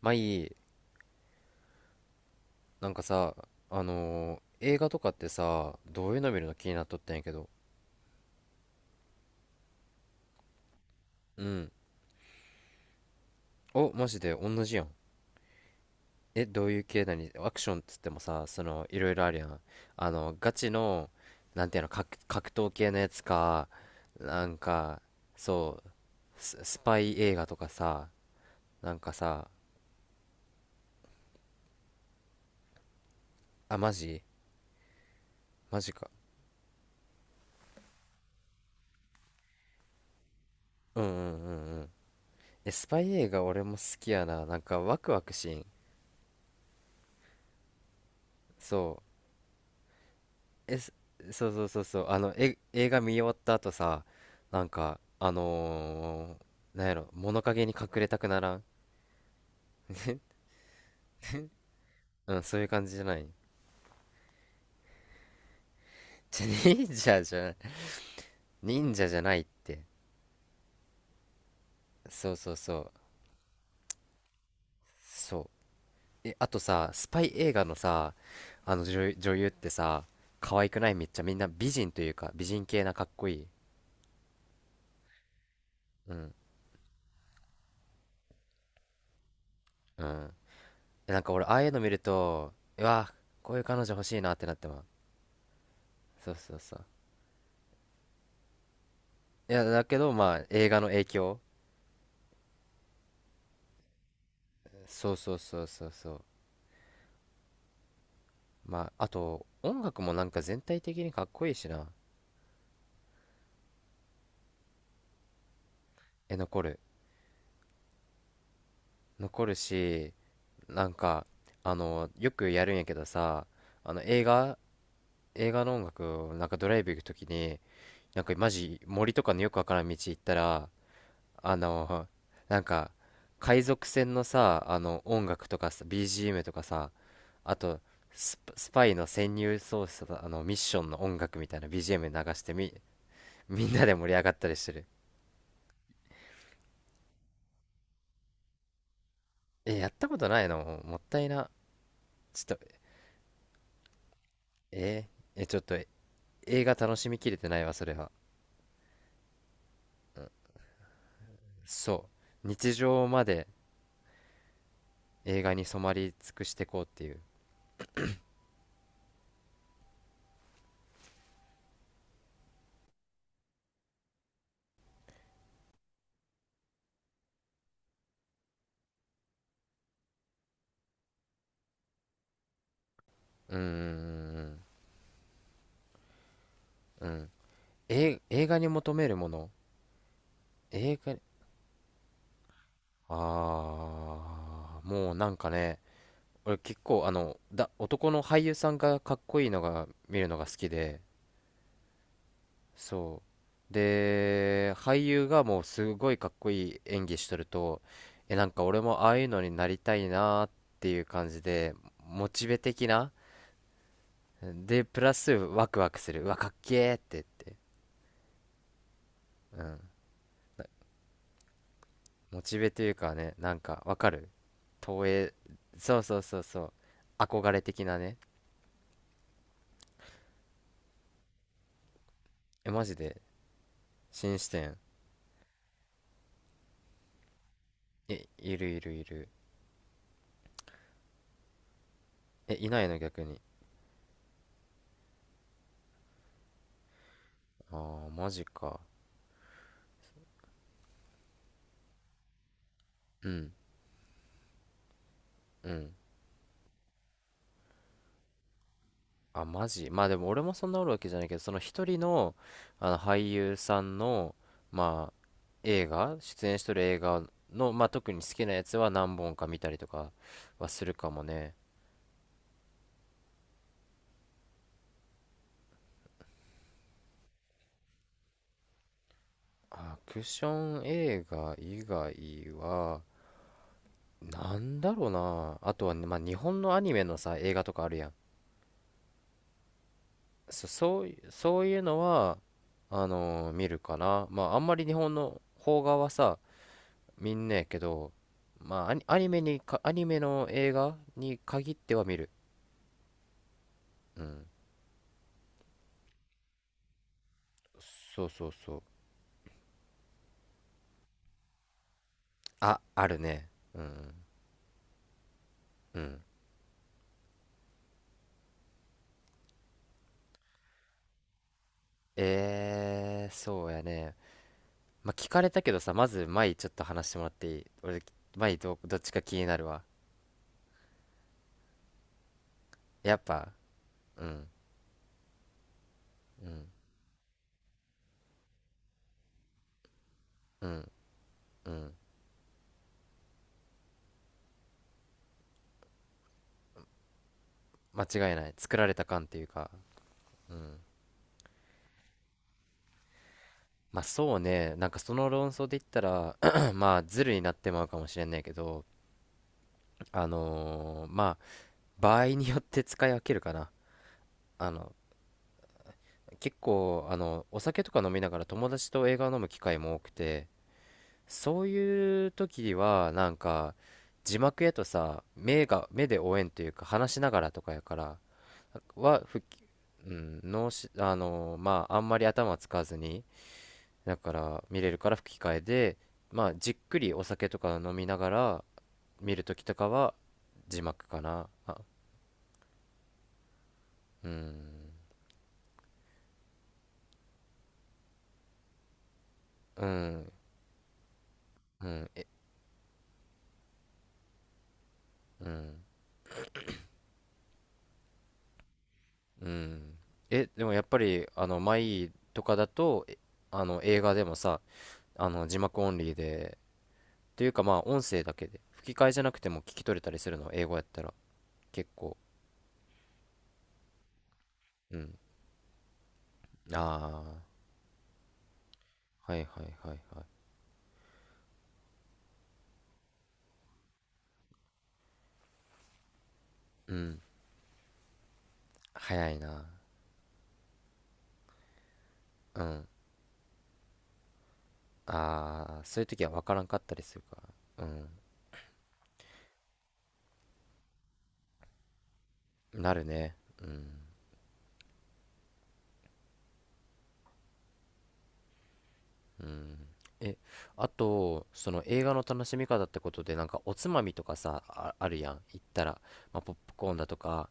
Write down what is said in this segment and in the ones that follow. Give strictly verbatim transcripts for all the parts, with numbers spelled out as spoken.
まあいい、なんかさ、あのー映画とかってさ、どういうの見るの気になっとったんやけど。うん。お、マジで同じやん。え、どういう系なにアクションっつってもさ、その、いろいろあるやん。あの、ガチの、なんていうの、格、格闘系のやつか、なんか、そう、ス、スパイ映画とかさ、なんかさ、あ、マジマジか。うんうんうんうん。え、スパイ映画俺も好きやな。なんかワクワクしん。そう。え、そそうそうそうそう、あの、え、映画見終わった後さ、なんか、あのー、なんやろ、物陰に隠れたくならん？うん、そういう感じじゃない。じゃ、忍者じゃない。忍者じゃないって。そうそうそう。そう。え、あとさ、スパイ映画のさ、あの女、女優ってさ、可愛くないめっちゃみんな美人というか、美人系なかっこいい。うん。うん。え、なんか俺、ああいうの見ると、うわ、こういう彼女欲しいなってなってまう。そうそうそう。いや、だけど、まあ、映画の影響。そうそうそうそうそう。まあ、あと、音楽もなんか全体的にかっこいいしな。え、残る？残るし、なんか、あの、よくやるんやけどさ、あの、映画、映画の音楽をなんかドライブ行くときに、なんかマジ森とかのよくわからん道行ったら、あの、なんか、海賊船のさ、あの、音楽とかさ、ビージーエム とかさ、あと、スパ、スパイの潜入捜査の、あの、ミッションの音楽みたいな ビージーエム 流してみ、みんなで盛り上がったりしてる。え、やったことないのもったいな。ちょっと、えーえ、ちょっと、え映画楽しみきれてないわ、それは。そう。日常まで映画に染まり尽くしてこうっていう。うーん、うん。え、映画に求めるもの？映画、あー、もうなんかね、俺結構あの、だ、男の俳優さんがかっこいいのが見るのが好きで、そう。で、俳優がもうすごいかっこいい演技しとると、え、なんか俺もああいうのになりたいなーっていう感じで、モチベ的な、で、プラスワクワクする。うわ、かっけーって言って。うん。なモチベというかね、なんかわかる？投影、そうそうそうそう。憧れ的なね。え、マジで。新視点。え、いるいるいる。え、いないの逆に？ああ、マジか。うん、うん。あ、マジ。まあでも俺もそんなおるわけじゃないけど、その一人の、あの俳優さんの、まあ、映画、出演しとる映画の、まあ特に好きなやつは何本か見たりとかはするかもね。アクション映画以外は、なんだろうな。あとはね、まあ日本のアニメのさ、映画とかあるやん。そ、そうい、そういうのは、あのー見るかな。まあ、あんまり日本の邦画はさ、見んねえけど、まあ、アニ、アニメにか、アニメの映画に限っては見る。うん。そうそうそう。あ、あるね。うん。うん。えー、そうやね。まあ、聞かれたけどさ、まず、前ちょっと話してもらっていい？俺、前ど、どっちか気になるわ。やっぱ、うん、うん、うん、うん。間違いない。作られた感っていうか、うん。まあそうね、なんかその論争で言ったら、 まあズルになってまうかもしれないけど、あのーまあ場合によって使い分けるかな。あの、結構、あの、お酒とか飲みながら友達と映画を飲む機会も多くて、そういう時は、なんか、字幕やとさ、目が、目で応援というか話しながらとかやから、は、ふっうん、脳し、あのーまああんまり頭使わずに、だから見れるから吹き替えで、まあ、じっくりお酒とか飲みながら見るときとかは字幕かな。あ、うん、うん、うん、え、うん、うん。え、でもやっぱり、あの、マイとかだと、えあの、映画でもさ、あの、字幕オンリーで、というかまあ、音声だけで、吹き替えじゃなくても聞き取れたりするの、英語やったら、結構。うん。ああ、はいはいはいはい。うん、早いな。うん。ああ、そういう時は分からんかったりするか。うん。なるね。うん。うん。え、あと、その映画の楽しみ方ってことで、なんかおつまみとかさ、あ、あるやん。行ったら、まあ、ポップコーンだとか、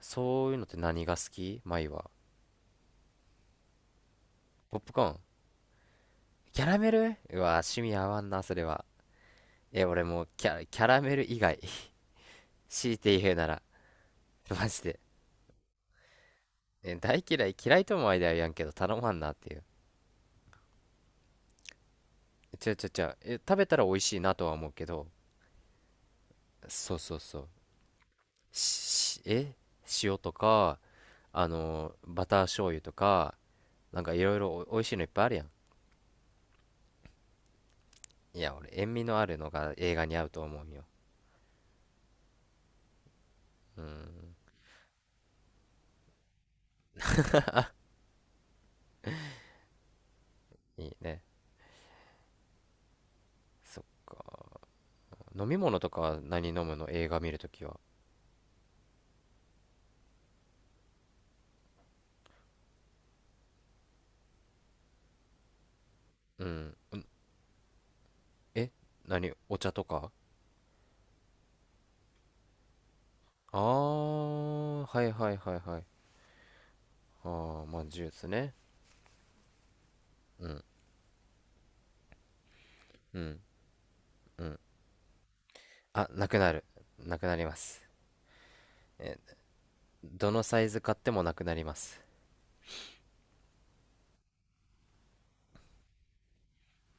そういうのって何が好き舞は？ポップコーン。キャラメル、うわ、趣味合わんな、それは。え、俺もうキャ、キャラメル以外。強いて言うなら。マジで。え、大嫌い、嫌いとも間やんけど、頼まんなっていう。ちょちょちょ、え、食べたら美味しいなとは思うけど、そうそうそう。し、え塩とか、あの、バター醤油とか、なんかいろいろお美味しいのいっぱいあるやん。いや、俺、塩味のあるのが映画に合うと思うんよ。うん、いいね。そっか。飲み物とかは何飲むの映画見るときは？うん。え何？お茶とか？あー、はいはいはいはい。あー、まあ、ジュースね。うん、うん。あ、なくなる。なくなります。どのサイズ買ってもなくなります。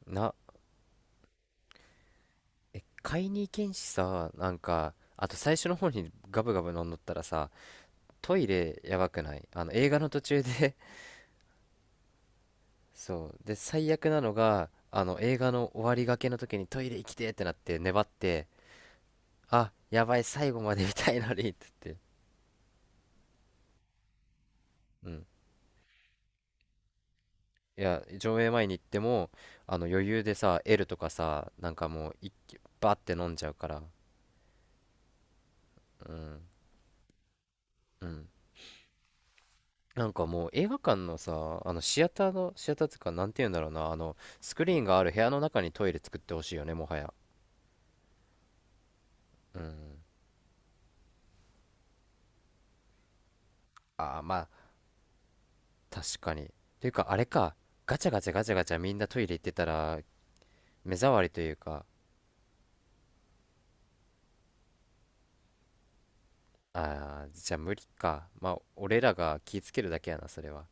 なえ、買いに行けんしさ、なんか、あと最初の方にガブガブ飲んどったらさ、トイレやばくない？あの映画の途中で。 そう。で、最悪なのが、あの映画の終わりがけの時にトイレ行きてってなって粘って、あ、やばい、最後まで見たいのにって言って。うん。いや、上映前に行っても、あの余裕でさ、L とかさ、なんかもう一気、バーって飲んじゃうから。うん。うん。なんかもう映画館のさ、あのシアターの、シアターっていうか、なんて言うんだろうな、あの、スクリーンがある部屋の中にトイレ作ってほしいよね、もはや。うん。ああ、まあ、確かに。とていうか、あれか、ガチャガチャガチャガチャみんなトイレ行ってたら、目障りというか、ああ、じゃあ無理か。まあ、俺らが気ぃつけるだけやな、それは。